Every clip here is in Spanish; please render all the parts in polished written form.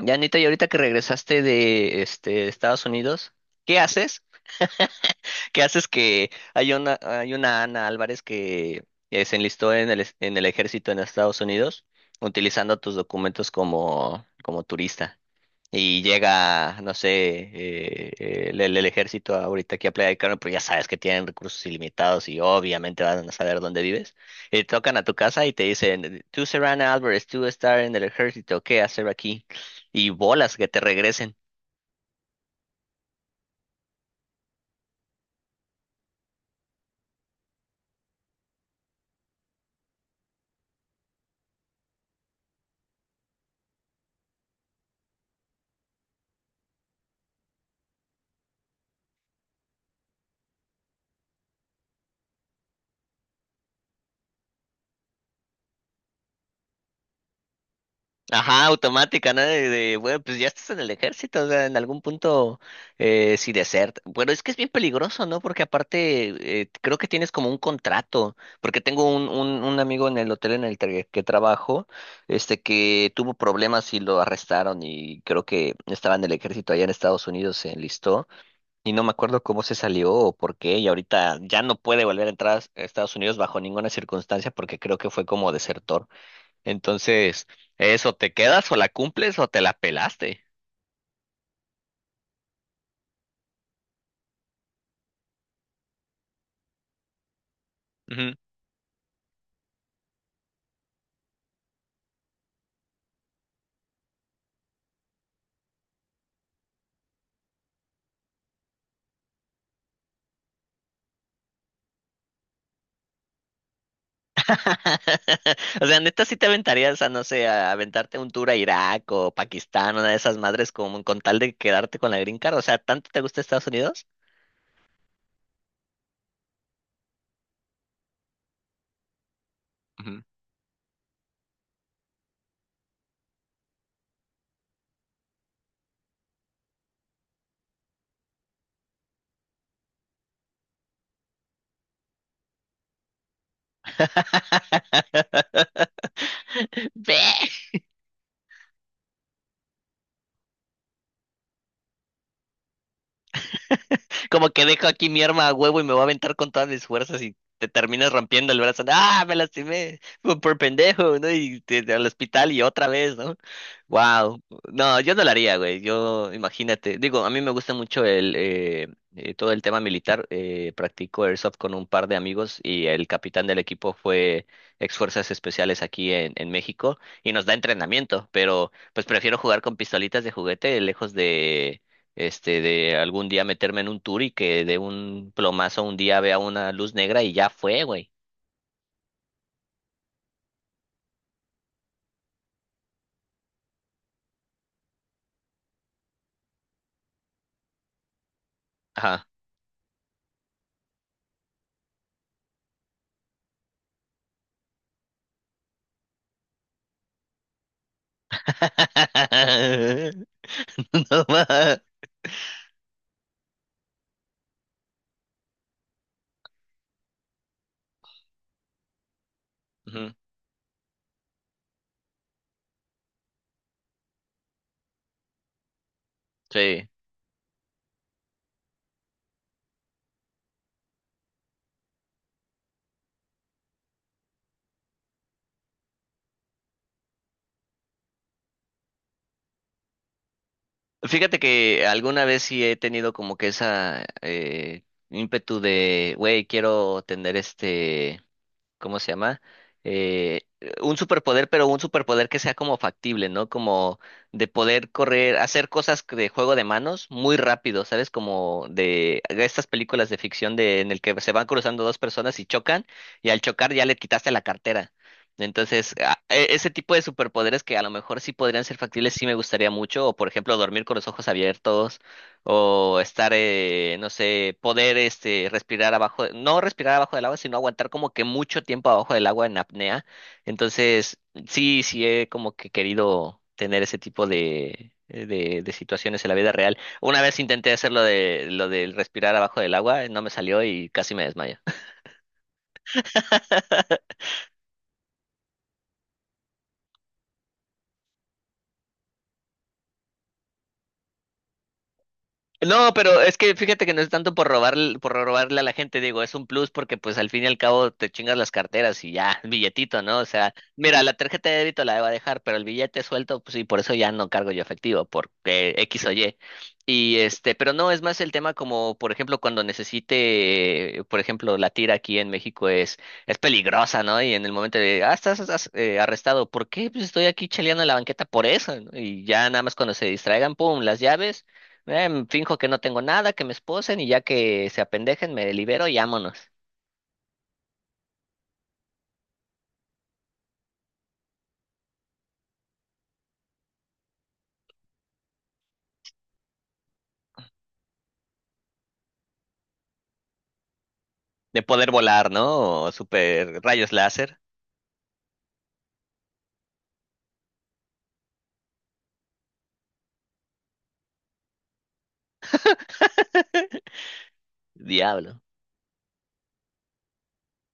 Ya, Anita, y ahorita que regresaste de Estados Unidos, ¿qué haces? ¿Qué haces que hay una Ana Álvarez que se enlistó en el ejército en Estados Unidos utilizando tus documentos como turista? Y llega, no sé, el ejército ahorita aquí a Playa del Carmen, pero ya sabes que tienen recursos ilimitados y obviamente van a saber dónde vives. Y te tocan a tu casa y te dicen, tú Serrana Álvarez, tú estar en el ejército, ¿qué hacer aquí? Y bolas que te regresen. Ajá, automática, ¿no? Bueno, pues ya estás en el ejército, o sea, en algún punto, si desert. Bueno, es que es bien peligroso, ¿no? Porque aparte, creo que tienes como un contrato, porque tengo un amigo en el hotel en que trabajo, que tuvo problemas y lo arrestaron y creo que estaba en el ejército allá en Estados Unidos, se enlistó y no me acuerdo cómo se salió o por qué y ahorita ya no puede volver a entrar a Estados Unidos bajo ninguna circunstancia porque creo que fue como desertor. Entonces, eso, ¿te quedas o la cumples o te la pelaste? Ujú. O sea, neta, sí te aventarías a, no sé, a aventarte un tour a Irak o Pakistán, una de esas madres, como con tal de quedarte con la green card. O sea, ¿tanto te gusta Estados Unidos? Ujú. Ve. Como que dejo aquí mi arma a huevo y me voy a aventar con todas mis fuerzas y te terminas rompiendo el brazo. ¿No? Ah, me lastimé por pendejo, ¿no? Y te- al hospital y otra vez, ¿no? Wow. No, yo no lo haría, güey. Yo, imagínate. Digo, a mí me gusta mucho el todo el tema militar. Practico airsoft con un par de amigos y el capitán del equipo fue ex fuerzas especiales aquí en México y nos da entrenamiento, pero pues prefiero jugar con pistolitas de juguete lejos de de algún día meterme en un tour y que de un plomazo un día vea una luz negra y ya fue, güey. Ajá. No más. Ujú. Sí. Fíjate que alguna vez sí he tenido como que esa ímpetu de, güey, quiero tener ¿cómo se llama? Eh, un superpoder, pero un superpoder que sea como factible, ¿no? Como de poder correr, hacer cosas que- de juego de manos muy rápido, ¿sabes? Como de estas películas de ficción de en el que se van cruzando dos personas y chocan, y al chocar ya le quitaste la cartera. Entonces, ese tipo de superpoderes que a lo mejor sí podrían ser factibles, sí me gustaría mucho, o por ejemplo, dormir con los ojos abiertos, o estar, no sé, poder respirar abajo, no respirar abajo del agua, sino aguantar como que mucho tiempo abajo del agua en apnea. Entonces, sí, sí he como que querido tener ese tipo de situaciones en la vida real. Una vez intenté hacer lo del respirar abajo del agua, no me salió y casi me desmayé. No, pero es que fíjate que no es tanto por robar, por robarle a la gente, digo, es un plus porque pues al fin y al cabo te chingas las carteras y ya, billetito, ¿no? O sea, mira, la tarjeta de débito la debo dejar, pero el billete suelto, pues sí, por eso ya no cargo yo efectivo, porque X o Y. Y pero no, es más el tema como, por ejemplo, cuando necesite, por ejemplo, la tira aquí en México es peligrosa, ¿no? Y en el momento de, ah, estás arrestado, ¿por qué? Pues estoy aquí chaleando en la banqueta por eso, ¿no? Y ya nada más cuando se distraigan, pum, las llaves. Finjo que no tengo nada, que me esposen y ya que se apendejen me libero y vámonos. De poder volar, ¿no? O super rayos láser. Diablo.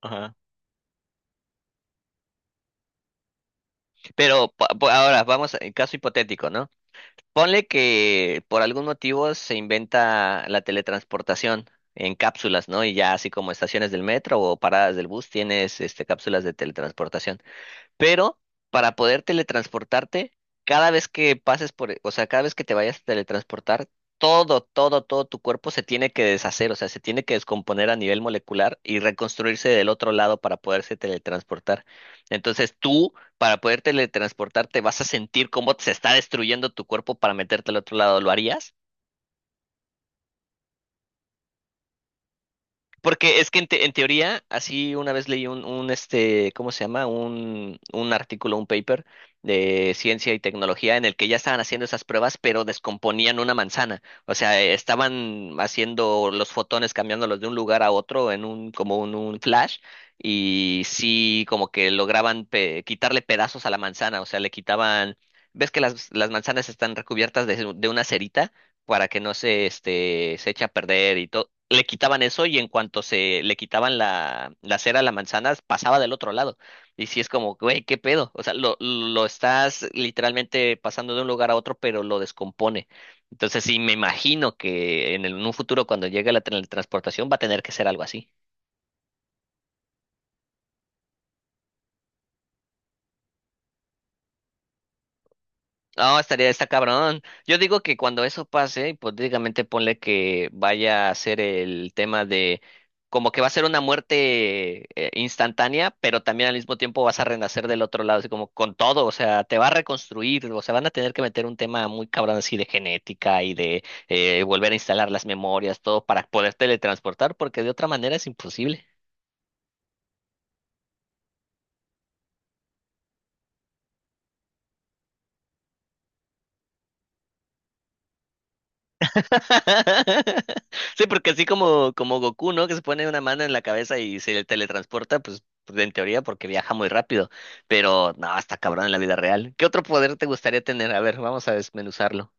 Ajá. Pero ahora vamos en caso hipotético, ¿no? Ponle que por algún motivo se inventa la teletransportación en cápsulas, ¿no? Y ya así como estaciones del metro o paradas del bus tienes este cápsulas de teletransportación. Pero para poder teletransportarte, cada vez que pases por, o sea, cada vez que te vayas a teletransportar, todo, todo, todo tu cuerpo se tiene que deshacer, o sea, se tiene que descomponer a nivel molecular y reconstruirse del otro lado para poderse teletransportar. Entonces tú, para poder teletransportarte, vas a sentir cómo se está destruyendo tu cuerpo para meterte al otro lado. ¿Lo harías? Porque es que en teoría, así una vez leí un, ¿cómo se llama? Un artículo, un paper de ciencia y tecnología en el que ya estaban haciendo esas pruebas, pero descomponían una manzana. O sea, estaban haciendo los fotones, cambiándolos de un lugar a otro en como un flash, y sí, como que lograban quitarle pedazos a la manzana. O sea, le quitaban, ¿ves que las manzanas están recubiertas de una cerita? Para que no se, se eche a perder y todo. Le quitaban eso y en cuanto se le quitaban la cera a la manzana, pasaba del otro lado. Y sí es como, güey, ¿qué pedo? O sea, lo estás literalmente pasando de un lugar a otro, pero lo descompone. Entonces, sí, me imagino que en un futuro, cuando llegue la teletransportación, va a tener que ser algo así. No, estaría, está cabrón. Yo digo que cuando eso pase, hipotéticamente ponle que vaya a ser el tema de como que va a ser una muerte instantánea, pero también al mismo tiempo vas a renacer del otro lado, así como con todo, o sea, te va a reconstruir, o sea, van a tener que meter un tema muy cabrón así de genética y de volver a instalar las memorias, todo para poder teletransportar, porque de otra manera es imposible. Sí, porque así como, como Goku, ¿no? Que se pone una mano en la cabeza y se teletransporta, pues pues, en teoría porque viaja muy rápido. Pero no, está cabrón en la vida real. ¿Qué otro poder te gustaría tener? A ver, vamos a desmenuzarlo.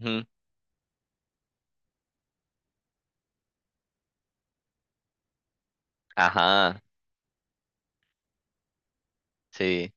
Ujú. Ajá, sí.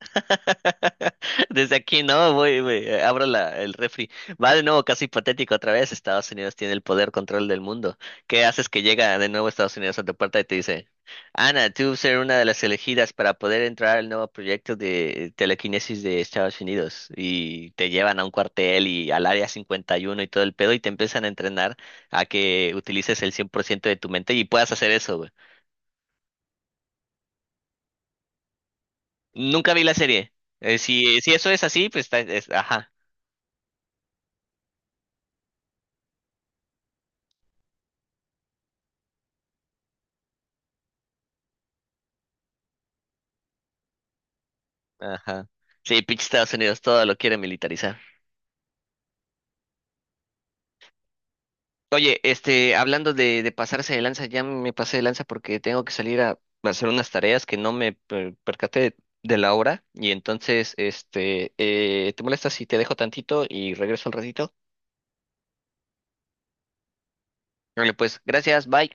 Desde aquí no, voy, abro el refri. Va de nuevo casi patético otra vez. Estados Unidos tiene el poder control del mundo. ¿Qué haces que llega de nuevo Estados Unidos a tu puerta y te dice, Ana, tú ser una de las elegidas para poder entrar al nuevo proyecto de telequinesis de Estados Unidos? Y te llevan a un cuartel y al área 51 y uno y todo el pedo y te empiezan a entrenar a que utilices el 100% de tu mente y puedas hacer eso, güey. Nunca vi la serie. Si, si eso es así, pues está, ajá. Ajá. Sí, pinche Estados Unidos todo lo quiere militarizar. Oye, hablando de pasarse de lanza, ya me pasé de lanza porque tengo que salir a hacer unas tareas que no me percaté de, la hora. Y entonces, ¿te molesta si te dejo tantito y regreso al ratito? Vale, pues, gracias, bye.